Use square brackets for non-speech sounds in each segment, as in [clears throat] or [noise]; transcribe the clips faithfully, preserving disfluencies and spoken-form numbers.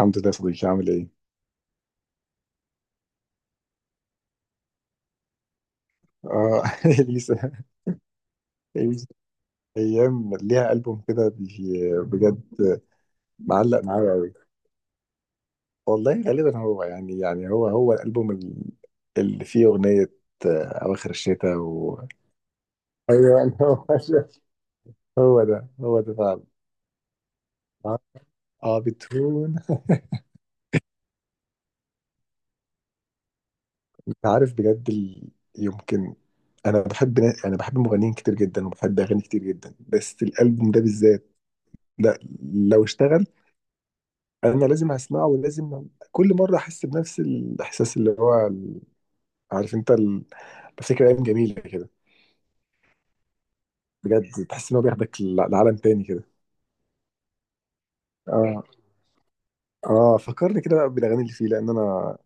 الحمد لله يا صديقي، عامل ايه؟ اه [laughs] اليسا اليسا، ايام ليها البوم كده بي- بجد. معلق معايا قوي. والله غالبا هو يعني يعني هو هو الالبوم ال- اللي فيه اغنيه، آه، اواخر الشتاء و... ايوه [laughs] هو ده هو ده هو ده فعلا. اه بتهون. انت عارف بجد ال... يمكن. انا بحب انا بحب مغنيين كتير جدا، وبحب اغاني كتير جدا، بس الالبوم ده بالذات. لا، لو اشتغل، انا لازم اسمعه، ولازم كل مره احس بنفس الاحساس اللي هو ال- عارف انت ال- بفتكر ايام جميله كده. بجد تحس ان هو بياخدك ل- لعالم تاني كده. اه اه، فكرني كده بقى بالاغاني اللي فيه، لان انا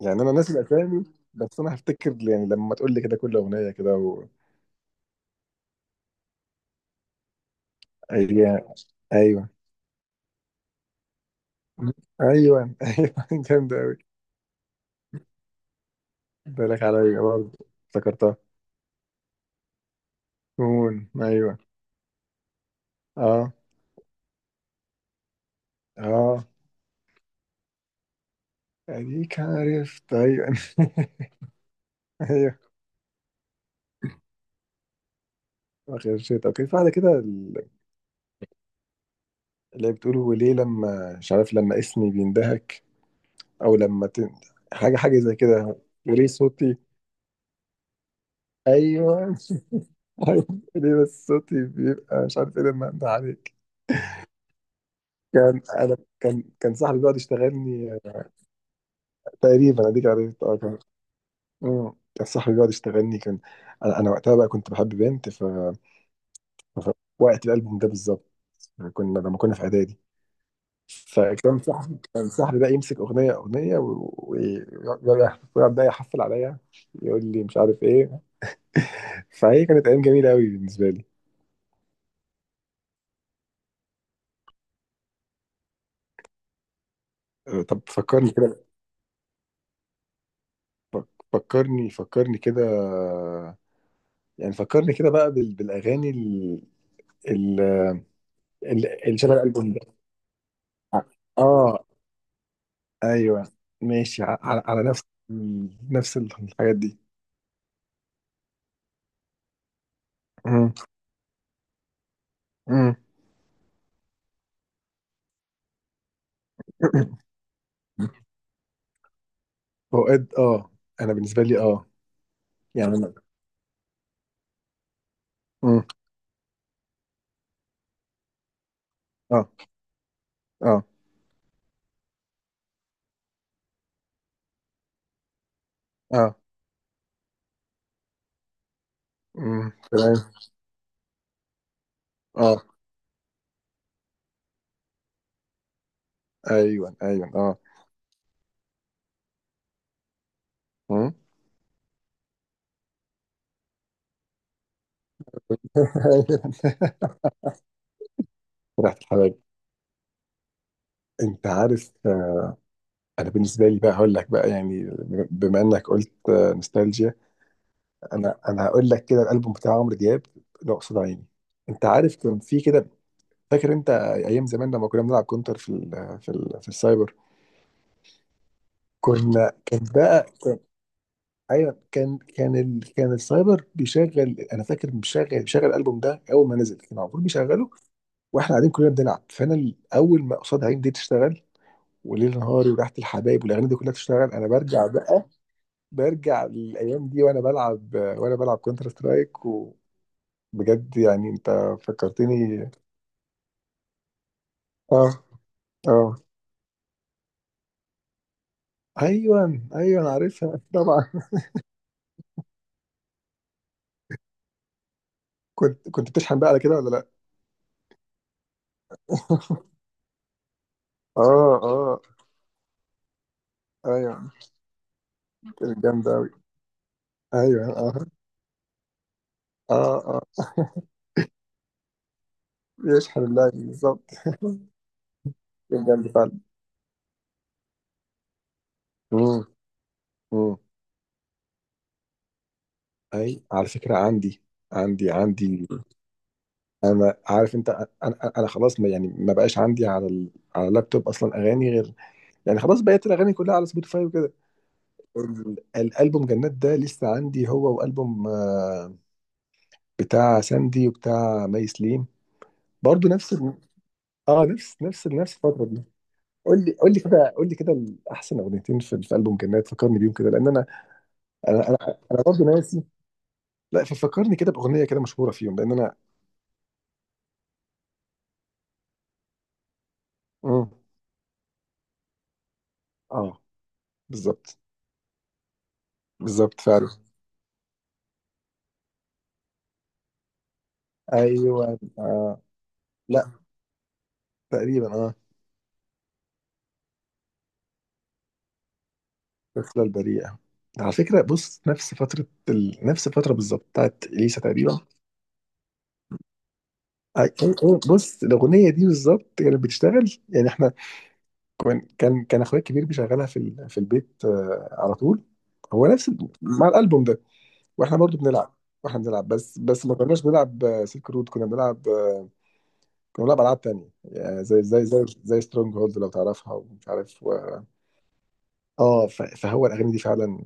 يعني انا ناسي الاسامي، بس انا هفتكر يعني لما تقول لي كده كل اغنيه كده و... ايوه ايوه ايوه ايوه [laughs] جامده قوي. بالك عليا برضه، افتكرتها. مون، ايوه. اه اه، اديك عرفت، ايوه [laughs] ايوه. آخر شيء، طب في واحدة كده ال- اللي هي بتقول وليه لما مش عارف لما اسمي بيندهك، أو لما ت... حاجة حاجة زي كده. وليه صوتي. أيوه [laughs] أيوه. ليه بس صوتي بيبقى مش عارف إيه لما أنده عليك. كان أنا كان كان صاحبي بيقعد يشتغلني آه، تقريبا أديك عرفت، أه كان. مم. كان صاحبي بيقعد يشتغلني، كان أنا أنا وقتها بقى كنت بحب بنت ف... ف... وقت الألبوم ده بالظبط، كنا لما كنا في إعدادي، فكان صاحبي كان صاحبي بقى يمسك اغنيه اغنيه، ويقعد بقى يحفل عليا، يقول لي مش عارف ايه. فهي كانت ايام جميله قوي بالنسبه لي. أه، طب فكرني كده. فك- فكرني فكرني كده، يعني فكرني كده بقى بال- بالاغاني ال- ال- ال- اللي شبه الالبوم ده. اه، ايوه، ماشي ع- على, على نفس. نفس الحاجات دي. مم. مم. [clears throat] [laughs] اوقات اه. انا بالنسبه لي اه. يعني أنا. مم. اه اه اه، امم تمام. اه، ايوه ايوه اه. امم. [laughs] ايوه. ريحة الحلاوه [laughs] انت عارف، آه، انا بالنسبه لي بقى هقول لك بقى، يعني بم- بما انك قلت آه، نوستالجيا. انا انا هقول لك كده الالبوم بتاع عمرو دياب، اقصد عيني. انت عارف كان في كده، فاكر انت ايام زمان لما كنا بنلعب كونتر في ال في ال في السايبر. كنا، كان بقى، كان. ايوه، كان كان ال كان السايبر بيشغل. انا فاكر بيشغل بيشغل الالبوم ده اول ما نزل، كان المفروض بيشغله واحنا قاعدين كلنا بنلعب. فانا ال- اول ما قصاد عيني دي تشتغل، وليل نهاري، وريحه الحبايب، والاغاني دي كلها تشتغل، انا برجع بقى، برجع للايام دي وانا بلعب وانا بلعب كونتر سترايك. وبجد يعني انت فكرتني. اه اه، ايوه ايوه، انا عارفها طبعا. [laughs] كنت كنت بتشحن بقى على كده ولا لا؟ [laughs] اه اه، ايوه، كانت جامده قوي. ايوه، اه اه اه، بيشحن اللاعب بالظبط. [laughs] كان جامد فعلا. امم. امم. اي، على فكره عندي عندي عندي. انا عارف انت، انا انا أنا خلاص، ما يعني ما بقاش عندي على ال... على اللابتوب اصلا اغاني غير، يعني خلاص بقيت الاغاني كلها على سبوتيفاي وكده. ال- الالبوم جنات ده لسه عندي، هو والبوم آه، بتاع ساندي وبتاع مي سليم، برضه نفس ال... اه، نفس نفس نفس الفتره دي. قول لي قول لي كده قول لي كده احسن اغنيتين في, في البوم جنات، فكرني بيهم كده لان انا، انا انا, أنا برضه ناسي. لا، ففكرني كده باغنيه كده مشهوره فيهم، لان انا. مم. اه، بالظبط بالظبط فعلا. ايوه، آه. لا، تقريبا اه. الرحلة البريئة. على فكرة بص، نفس فترة ال... نفس الفترة بالظبط بتاعت إليسا تقريبا. أي... أي... أي... بص الأغنية دي بالظبط كانت بتشتغل، يعني احنا، كان كان كان أخويا الكبير بيشغلها في ال... في البيت آه... على طول. هو نفس ال... مع الألبوم ده، واحنا برضو بنلعب، واحنا بنلعب، بس بس ما كناش بنلعب آه، سلك رود، كنا بنلعب آه، كنا بنلعب ألعاب تانية، يعني زي زي زي زي سترونج هولد لو تعرفها، ومش عارف و... اه ف... فهو الأغاني دي فعلا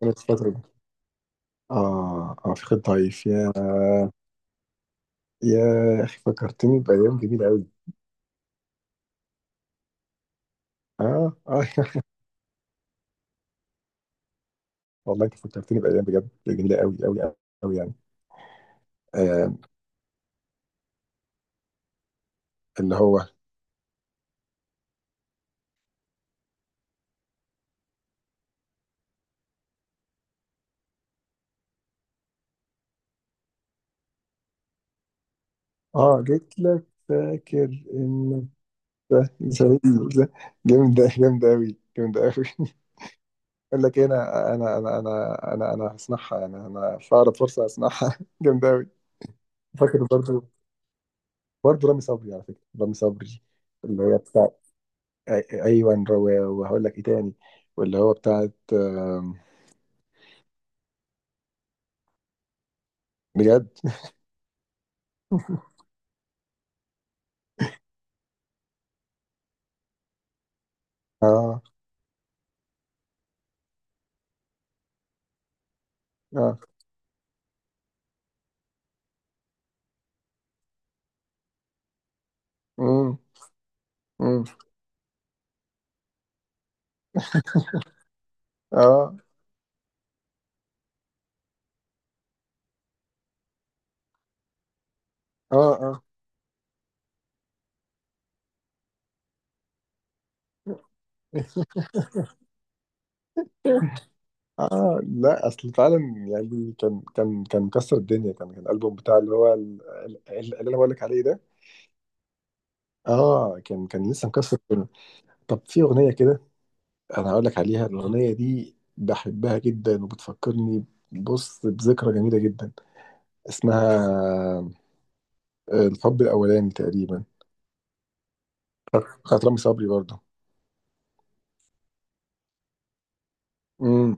كانت فترة. آه آه فخر ضعيف، يا يا أخي، فكرتني بأيام جميلة أوي. آه آه [laughs] والله أنت فكرتني بأيام بجد جميلة أوي أوي أوي يعني. آه، اللي هو، آه جيت لك، فاكر، إن، جامدة [laughs] جامدة جامدة أوي جامدة أوي [laughs] أقول لك إيه، أنا أنا أنا أنا أنا أنا هصنعها، يعني أنا في أقرب فرصة هصنعها [laughs] جامدة أوي. فاكر برضه، برضه رامي صبري، على فكرة رامي صبري اللي هي، أي- ايوه، رو- وهقول لك ايه تاني، واللي هو بتاعت آم، بجد [laughs] اه اه، امم امم، اه اه اه اه، لا اصل فعلا. يعني كان كان كان مكسر الدنيا، كان كان الالبوم بتاع اللي هو ال- ال- اللي انا بقول لك عليه ده. اه كان، كان لسه مكسر الدنيا. طب في اغنيه كده انا هقول لك عليها، الاغنيه دي بحبها جدا وبتفكرني. بص، بذكرى جميله جدا، اسمها آه، الحب الاولاني تقريبا، بتاعت رامي صبري برضه. امم.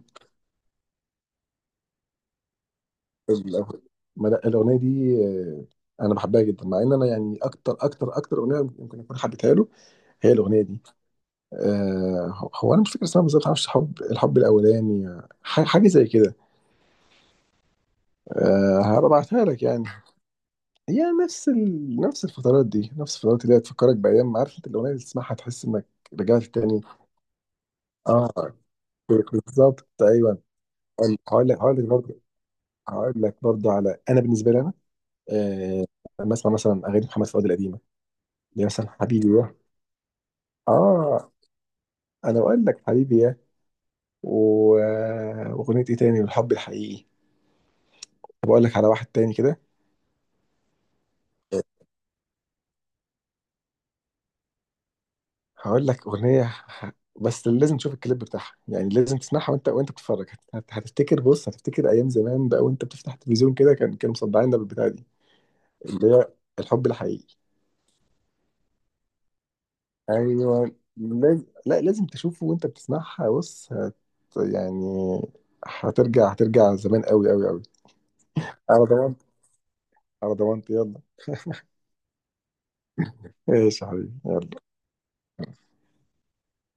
الأغ- ما لا، الاغنيه دي آه، انا بحبها جدا، مع ان انا يعني اكتر اكتر اكتر اغنيه يمكن اكون حبيتها له هي الاغنيه دي. آه هو هو انا مش فاكر اسمها بالظبط، معرفش، حب، الحب الاولاني، آه، ح- حاجه زي كده. آه، هبقى ابعتها لك يعني. هي نفس ال... نفس الفترات دي، نفس الفترات اللي هي تفكرك بايام. عارف انت الاغنيه اللي تسمعها تحس انك رجعت تاني. اه بالظبط، ايوه. هقول لك هقول لك برضه، هقول لك برضه على، انا بالنسبه لي، آه، بسمع مثلا اغاني محمد فؤاد القديمه، اللي هي مثلا حبيبي يا. اه، انا بقول لك حبيبي يا، و- آه، واغنيه ايه تاني، الحب الحقيقي. طب اقول لك على واحد تاني كده، هقول لك اغنيه، ح- بس لازم تشوف الكليب بتاعها، يعني لازم تسمعها وانت وانت بتتفرج. هت- هتفتكر، بص، هتفتكر ايام زمان بقى وانت بتفتح التلفزيون كده، كان كانوا مصدعيننا بالبتاع دي، اللي هي الحب الحقيقي. ايوه. لاز... لا، لازم تشوفه وانت بتسمعها. بص هت... يعني هترجع هترجع زمان قوي قوي قوي. على ضمانتي. على ضمانتي، يلا. ايش يا حبيبي.